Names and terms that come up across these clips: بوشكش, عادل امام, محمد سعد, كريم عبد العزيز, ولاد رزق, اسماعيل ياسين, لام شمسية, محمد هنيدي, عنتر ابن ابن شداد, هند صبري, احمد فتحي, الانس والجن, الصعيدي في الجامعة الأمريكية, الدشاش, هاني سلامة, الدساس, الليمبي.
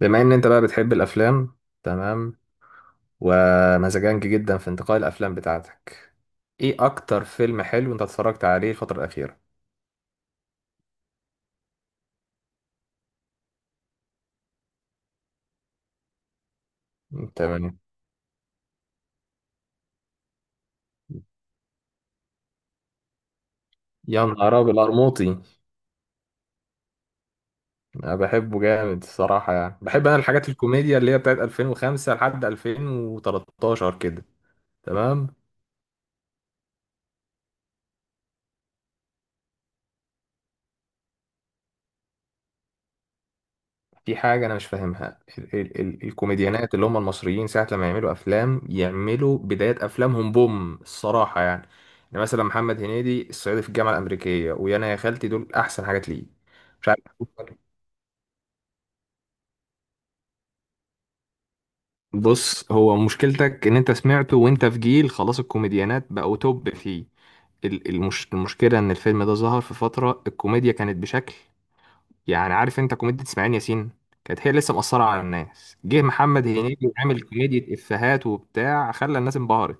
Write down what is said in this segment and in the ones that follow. بما ان انت بقى بتحب الافلام، تمام. ومزاجنج جدا في انتقاء الافلام بتاعتك. ايه اكتر فيلم حلو انت اتفرجت عليه الفترة الاخيرة؟ تمام. يا نهار ابيض، القرموطي. انا بحبه جامد الصراحة، يعني بحب انا الحاجات الكوميديا اللي هي بتاعت 2005 لحد 2013 كده. تمام. في حاجة أنا مش فاهمها، ال ال ال مم. الكوميديانات اللي هم المصريين ساعة لما يعملوا أفلام يعملوا بداية أفلامهم بوم الصراحة يعني. يعني مثلا محمد هنيدي الصعيدي في الجامعة الأمريكية ويانا يا خالتي، دول أحسن حاجات ليه. مش عارف. بص، هو مشكلتك إن أنت سمعته وأنت في جيل خلاص الكوميديانات بقوا توب فيه. المشكلة إن الفيلم ده ظهر في فترة الكوميديا كانت بشكل، يعني عارف انت كوميديا اسماعيل ياسين كانت هي لسه مأثرة على الناس. جه محمد هنيدي وعامل كوميديا افيهات وبتاع، خلى الناس انبهرت.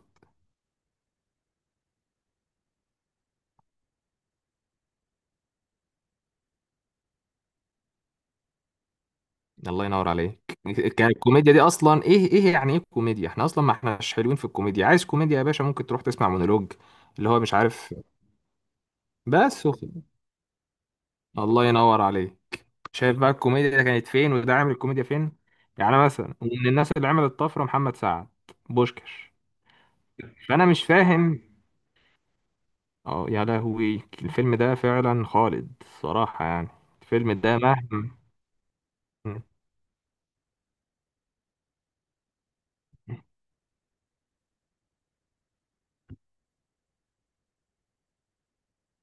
الله ينور عليك. كانت الكوميديا دي اصلا ايه؟ ايه يعني ايه كوميديا؟ احنا اصلا ما احناش حلوين في الكوميديا. عايز كوميديا يا باشا؟ ممكن تروح تسمع مونولوج اللي هو مش عارف. بس وخ- الله ينور عليك. شايف بقى الكوميديا ده كانت فين وده عامل الكوميديا فين. يعني مثلا من الناس اللي عملت طفرة محمد سعد، بوشكش. فانا مش فاهم. اه يا لهوي، الفيلم ده فعلا خالد صراحة يعني. الفيلم ده مهما مم.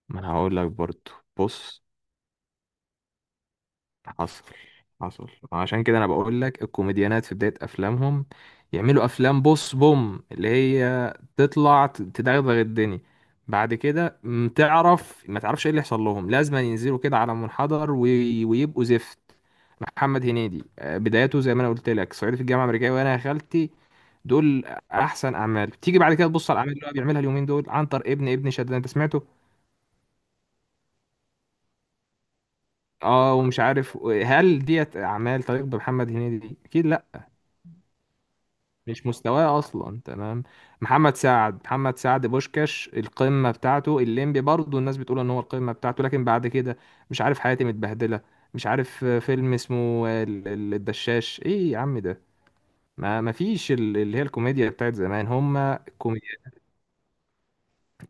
ما انا هقول لك برضو. بص، حصل. حصل عشان كده انا بقول لك الكوميديانات في بداية افلامهم يعملوا افلام بص بوم اللي هي تطلع تدغدغ الدنيا. بعد كده تعرف ما تعرفش ايه اللي يحصل لهم، لازم ينزلوا كده على منحدر ويبقوا زفت. محمد هنيدي بدايته زي ما انا قلت لك صعيدي في الجامعة الأمريكية وانا يا خالتي، دول احسن اعمال. تيجي بعد كده تبص على الاعمال اللي هو بيعملها اليومين دول، عنتر ابن شداد، انت سمعته. اه، ومش عارف. هل ديت اعمال طريق بمحمد هنيدي؟ اكيد لا، مش مستواه اصلا. تمام. محمد سعد، محمد سعد بوشكاش القمه بتاعته، الليمبي برضه الناس بتقول ان هو القمه بتاعته. لكن بعد كده مش عارف، حياتي متبهدله. مش عارف فيلم اسمه الدشاش، ايه يا عم ده؟ ما فيش اللي هي الكوميديا بتاعت زمان، هم الكوميديا.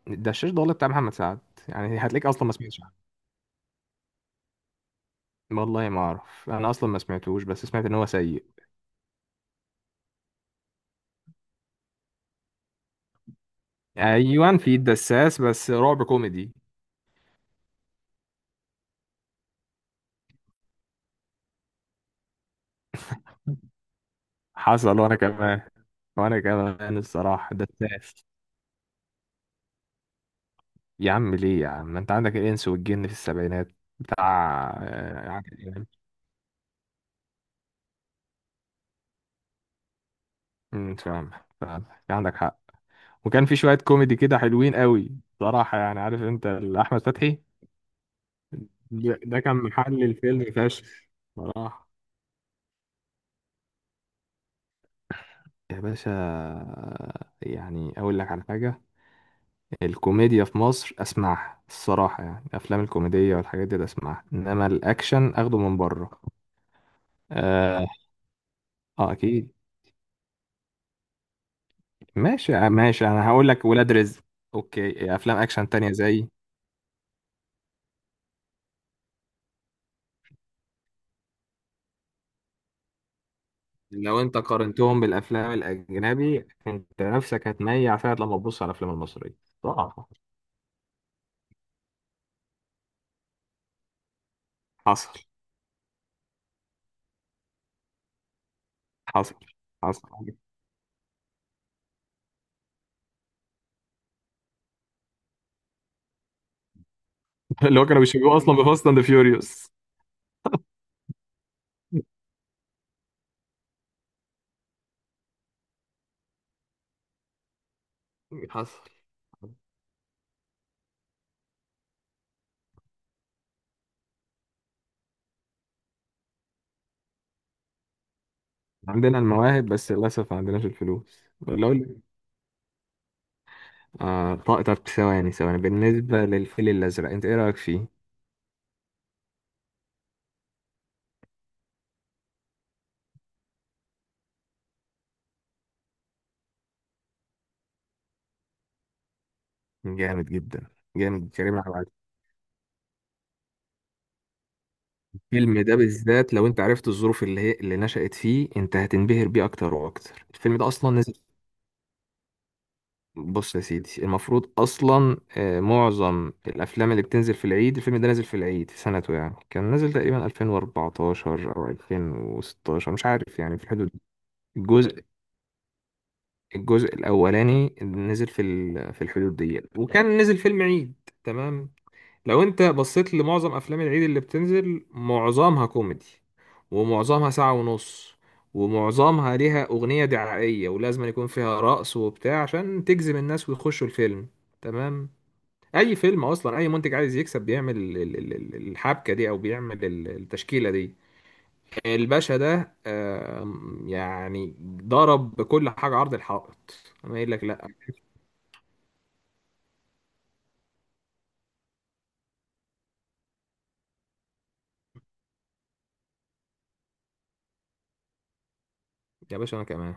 الدشاش ده والله بتاع محمد سعد. يعني هتلاقيك اصلا ما سمعتش. والله ما اعرف، انا اصلا ما سمعتوش، بس سمعت ان هو سيء. ايوان، في الدساس، بس رعب كوميدي. حصل وانا كمان. وانا كمان الصراحه دساس. يا عم ليه يا عم، ما انت عندك الانس والجن في السبعينات بتاع عادل امام. فاهم. فاهم. عندك حق. وكان في شويه كوميدي كده حلوين قوي، صراحه يعني، عارف انت، احمد فتحي. ده كان محل الفيلم فشخ صراحه. يا باشا، يعني اقول لك على حاجه، الكوميديا في مصر اسمعها الصراحه، يعني الافلام الكوميديه والحاجات دي أنا اسمعها، انما الاكشن اخده من بره. اه، آه اكيد. ماشي ماشي، انا هقول لك ولاد رزق. اوكي، افلام اكشن تانية زي، لو انت قارنتهم بالافلام الاجنبي انت نفسك هتميع فعلا لما تبص على الافلام المصريه، ضعف. حصل. حصل. حصل. اللي هو كانوا بيشبهوه اصلا بفاست اند فيوريوس. حصل. عندنا المواهب بس للأسف ما عندناش الفلوس. لو آه، طب طب ثواني ثواني، بالنسبة للفيل الأزرق أنت إيه رأيك فيه؟ جامد جدا. جامد. كريم عبد العزيز. الفيلم ده بالذات لو أنت عرفت الظروف اللي هي اللي نشأت فيه أنت هتنبهر بيه أكتر وأكتر. الفيلم ده أصلا نزل. بص يا سيدي، المفروض أصلا معظم الأفلام اللي بتنزل في العيد، الفيلم ده نزل في العيد في سنته، يعني كان نزل تقريبا 2014 أو 2016 مش عارف، يعني في الحدود دي. الجزء الجزء الأولاني نزل في الحدود دي، وكان نزل فيلم عيد. تمام. لو انت بصيت لمعظم افلام العيد اللي بتنزل معظمها كوميدي، ومعظمها ساعة ونص، ومعظمها ليها اغنية دعائية ولازم يكون فيها رقص وبتاع عشان تجذب الناس ويخشوا الفيلم. تمام. اي فيلم اصلا اي منتج عايز يكسب بيعمل الحبكة دي، او بيعمل التشكيلة دي. الباشا ده يعني ضرب بكل حاجة عرض الحائط. اما يقول لك لا. يا باشا، انا كمان.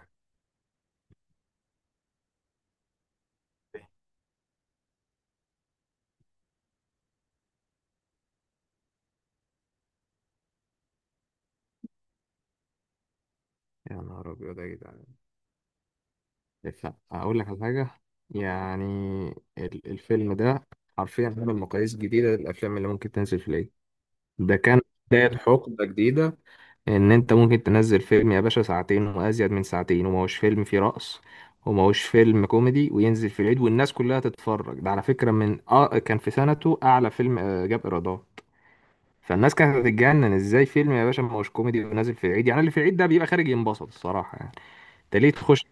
يا نهار ابيض يا جدعان. اقول لك على حاجه، يعني الفيلم ده حرفيا عمل مقاييس جديده للافلام اللي ممكن تنزل في العيد. ده كان بدايه حقبه جديده، ان انت ممكن تنزل فيلم يا باشا ساعتين وازيد من ساعتين وما هوش فيلم فيه رقص، وما هوش فيلم كوميدي، وينزل في العيد والناس كلها تتفرج. ده على فكره من اه كان في سنته اعلى فيلم جاب ايرادات. فالناس كانت هتتجنن، ازاي فيلم يا باشا ما هوش كوميدي ونازل في العيد؟ يعني اللي في العيد ده بيبقى خارج ينبسط الصراحه يعني، انت ليه تخش؟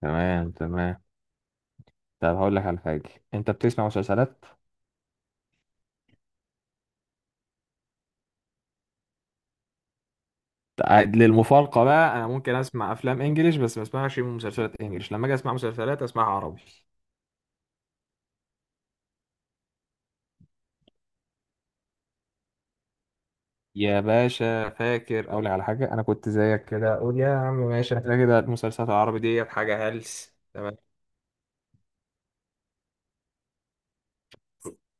تمام تمام. طب هقول لك على حاجة، انت بتسمع مسلسلات؟ للمفارقة بقى، انا ممكن اسمع افلام انجليش بس ما اسمعش مسلسلات انجليش، لما اجي اسمع مسلسلات اسمعها عربي. يا باشا فاكر، اقول لك على حاجة، انا كنت زيك كده اقول يا عم ماشي كده كده المسلسلات العربي ديت حاجة هلس. تمام.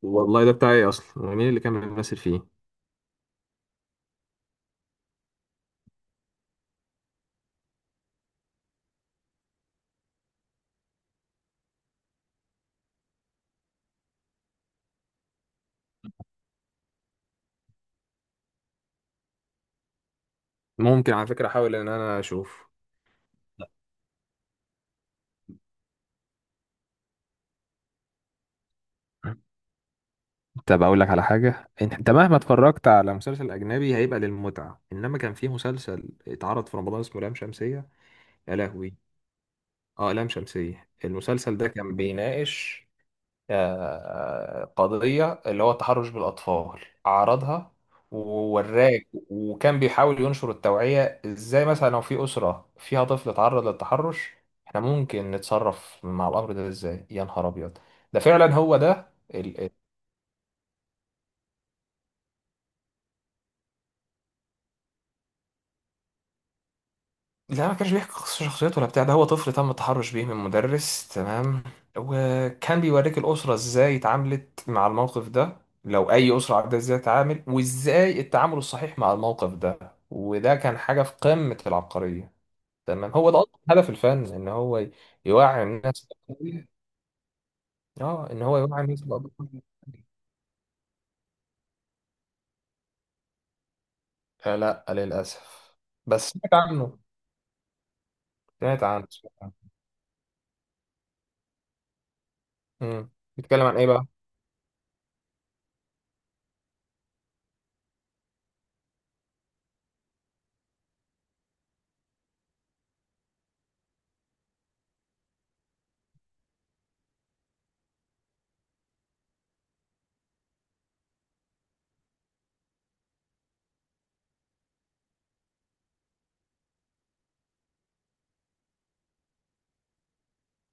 والله ده بتاعي اصلا. ومين اللي كان بيمثل فيه؟ ممكن على فكرة احاول ان انا اشوف. طب اقول لك على حاجه، انت مهما اتفرجت على مسلسل اجنبي هيبقى للمتعه، انما كان في مسلسل اتعرض في رمضان اسمه لام شمسيه. يا لهوي. اه، لام شمسية، المسلسل ده كان بيناقش قضية اللي هو التحرش بالأطفال. عرضها ووراك، وكان بيحاول ينشر التوعية، ازاي مثلا لو في أسرة فيها طفل اتعرض للتحرش احنا ممكن نتصرف مع الأمر ده ازاي. يا نهار أبيض. ده فعلا هو ده. لا، ما كانش بيحكي قصة شخصيته ولا بتاع، ده هو طفل تم التحرش بيه من مدرس. تمام. وكان بيوريك الأسرة ازاي اتعاملت مع الموقف ده، لو أي أسرة عندها ازاي تتعامل وازاي التعامل الصحيح مع الموقف ده. وده كان حاجة في قمة العبقرية. تمام. هو ده أصلا هدف الفن، إن هو يوعي الناس. اه، إن هو يوعي الناس بقضايا. لا للأسف. بس سمعت عنه. سمعت عنه. سمعت عنه. مم. بيتكلم عن إيه بقى؟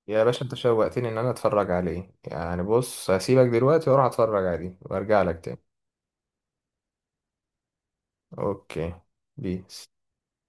يا باشا، انت شوقتني ان انا اتفرج عليه. يعني بص، هسيبك دلوقتي واروح اتفرج عليه وارجع لك تاني. اوكي. بيس.